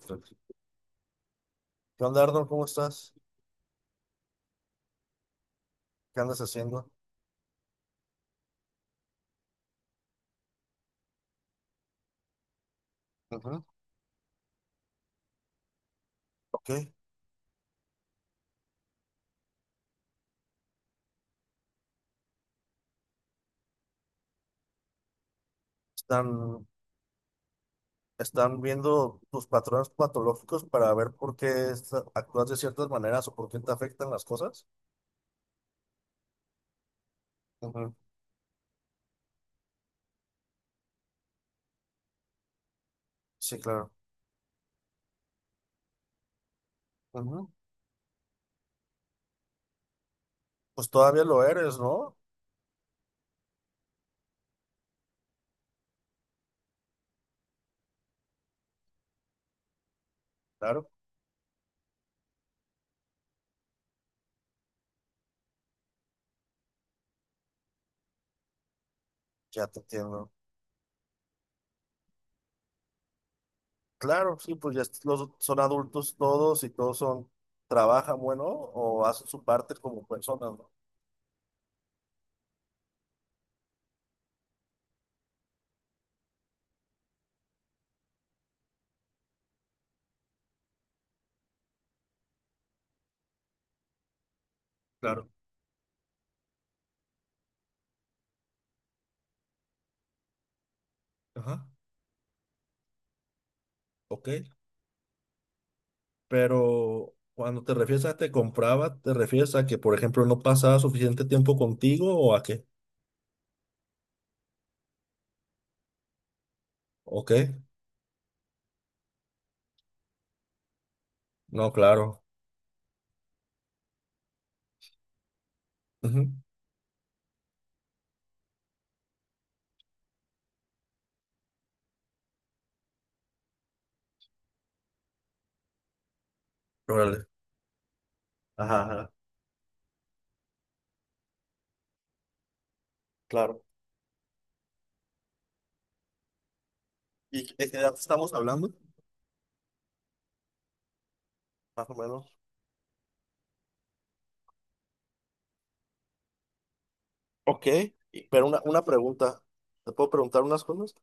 ¿Qué onda, Arnold? ¿Cómo estás? ¿Qué andas haciendo? Ujú. Ok. Están, están viendo tus patrones patológicos para ver por qué actúas de ciertas maneras o por qué te afectan las cosas. Ujú. Sí, claro. Ujú. Pues todavía lo eres, ¿no? Claro, ya te entiendo. Claro, sí, pues son adultos todos y todos son, trabajan, bueno, o hacen su parte como personas, ¿no? Claro. Ajá. Ok. Pero cuando te refieres a te compraba, ¿te refieres a que, por ejemplo, no pasaba suficiente tiempo contigo o a qué? ¿O qué? No, claro. Ujú. Órale. Ajá, ajá, claro. ¿Y de qué edad estamos hablando? Más o menos. Ok, pero una pregunta. ¿Te puedo preguntar unas cosas?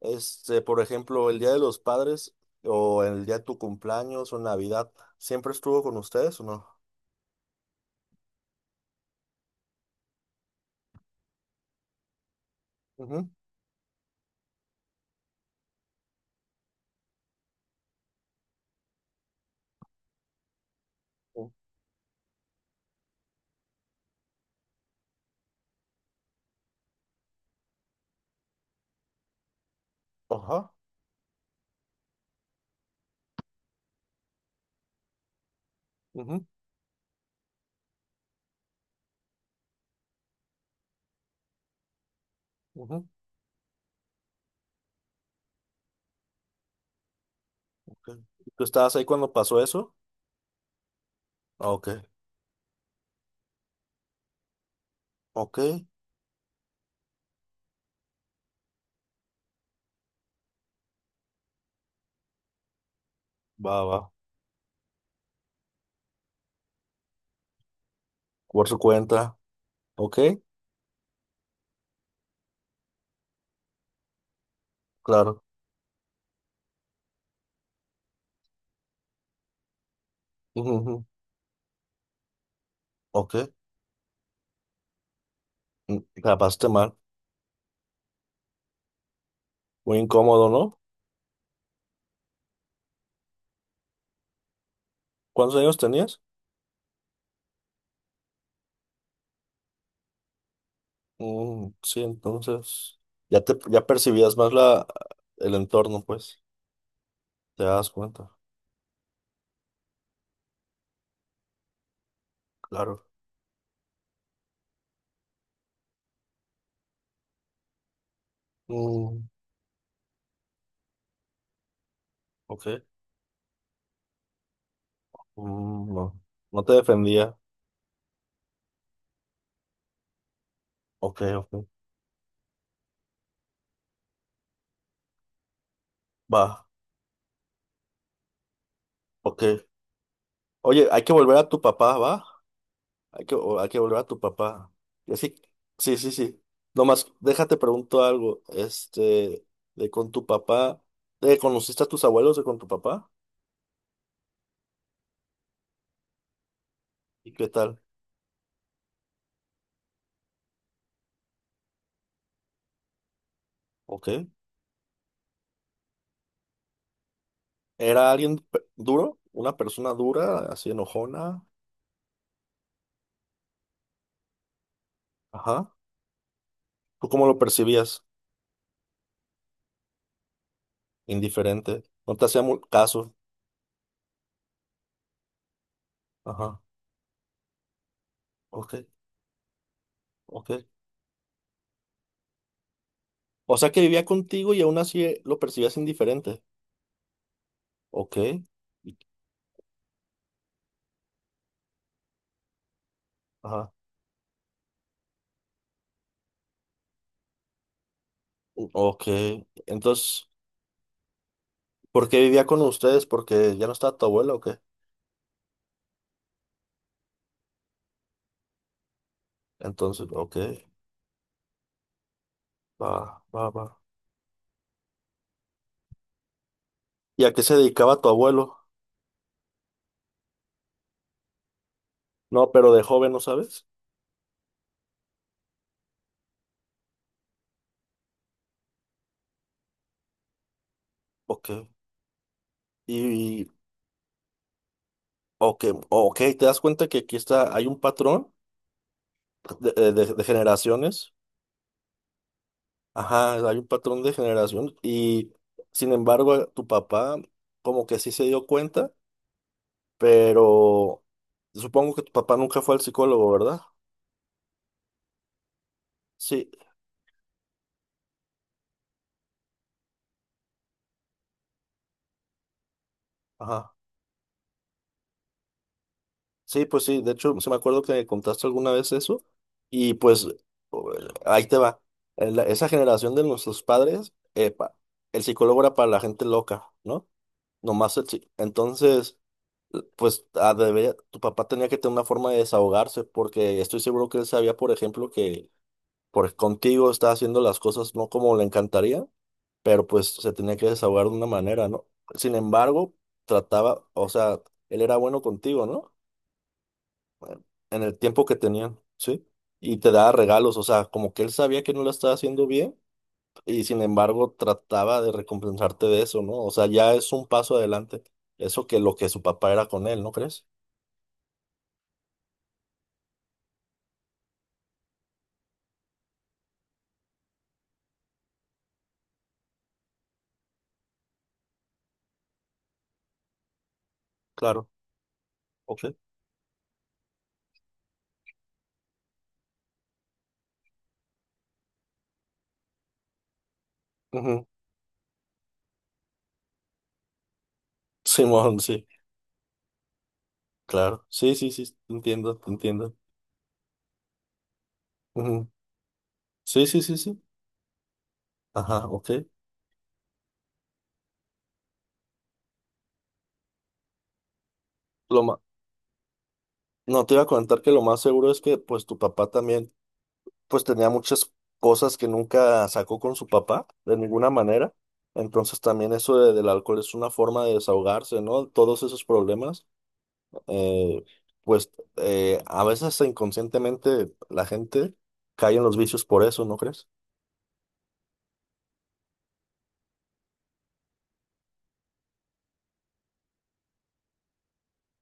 Este, por ejemplo, el día de los padres o el día de tu cumpleaños o Navidad, ¿siempre estuvo con ustedes o no? Ujú. Ajá. Ujú, ujú. Ok. ¿Tú estabas ahí cuando pasó eso? Ah, ok. Ok, va, va, por su cuenta. Ok, claro. Ujú, ujú. Ok. Grabaste mal. Muy incómodo, ¿no? ¿Cuántos años tenías? Mm, sí, entonces ya percibías más la el entorno, pues. Te das cuenta, claro. Mm, ok. Mm, no, no te defendía. Ok, ok, va, ok. Oye, hay que volver a tu papá, ¿va? Hay que hay que volver a tu papá. Y así, sí, sí, sí. Nomás, déjate pregunto algo. Este, de con tu papá, ¿de conociste a tus abuelos de con tu papá? ¿Y qué tal? Ok. ¿Era alguien duro? ¿Una persona dura, así enojona? Ajá. ¿Tú cómo lo percibías? Indiferente. No te hacía caso. Ajá. Ok, ok. O sea que vivía contigo y aún así lo percibías indiferente. Ok. Y- Ajá. Ok. Entonces. ¿Por qué vivía con ustedes? Porque ya no estaba tu abuela o qué. Entonces, ok, va, va, va. ¿Y a qué se dedicaba tu abuelo? No, pero de joven, ¿no sabes? Ok. Y, y- ok, ok, ¿te das cuenta que aquí está, hay un patrón de generaciones? Ajá, hay un patrón de generación. Y, sin embargo, tu papá como que sí se dio cuenta, pero supongo que tu papá nunca fue al psicólogo, ¿verdad? Sí, ajá. Sí, pues sí, de hecho, se me acuerdo que me contaste alguna vez eso y pues o- ahí te va. Esa generación de nuestros padres, epa, el psicólogo era para la gente loca, ¿no? Nomás entonces, pues ah, tu papá tenía que tener una forma de desahogarse porque estoy seguro que él sabía, por ejemplo, que contigo estaba haciendo las cosas no como le encantaría, pero pues se tenía que desahogar de una manera, ¿no? Sin embargo, trataba, o sea, él era bueno contigo, ¿no? En el tiempo que tenían, ¿sí? Y te daba regalos, o sea, como que él sabía que no lo estaba haciendo bien y sin embargo trataba de recompensarte de eso, ¿no? O sea, ya es un paso adelante. Eso que lo que su papá era con él, ¿no crees? Claro, ok. Ujú. Simón, sí, claro. Sí, sí, sí, te entiendo, te entiendo. Ujú. Sí, sí, sí, sí. Ajá, ok. Lo ma- No, te iba a comentar que lo más seguro es que pues tu papá también pues tenía muchas cosas que nunca sacó con su papá, de ninguna manera. Entonces también del alcohol es una forma de desahogarse, ¿no? Todos esos problemas, eh, pues a veces hasta inconscientemente la gente cae en los vicios por eso, ¿no crees?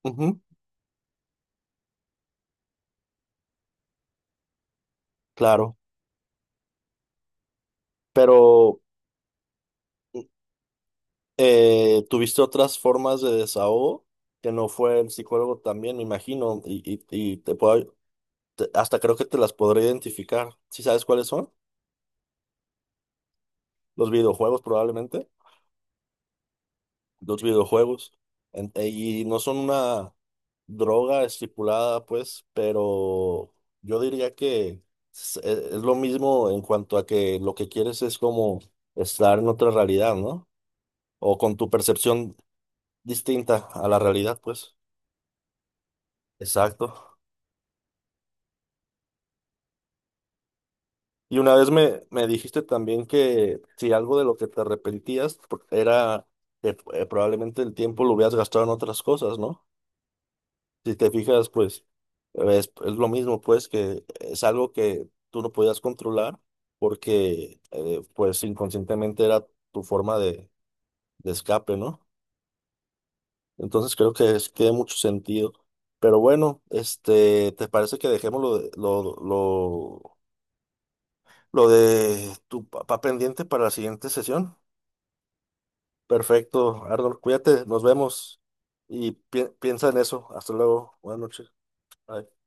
Ujú, claro, pero tuviste otras formas de desahogo que no fue el psicólogo también, me imagino, y te puedo, hasta creo que te las podré identificar. ¿Sí sabes cuáles son? Los videojuegos probablemente. Los videojuegos. Y no son una droga estipulada, pues, pero yo diría que es lo mismo en cuanto a que lo que quieres es como estar en otra realidad, ¿no? O con tu percepción distinta a la realidad, pues. Exacto. Y una vez me dijiste también que si algo de lo que te arrepentías era que probablemente el tiempo lo hubieras gastado en otras cosas, ¿no? Si te fijas, pues es lo mismo, pues que es algo que tú no podías controlar porque pues inconscientemente era tu forma de escape, ¿no? Entonces creo que tiene mucho sentido. Pero bueno, este, ¿te parece que dejemos lo de tu papá pendiente para la siguiente sesión? Perfecto, Arnold, cuídate, nos vemos y piensa en eso. Hasta luego, buenas noches. Bye.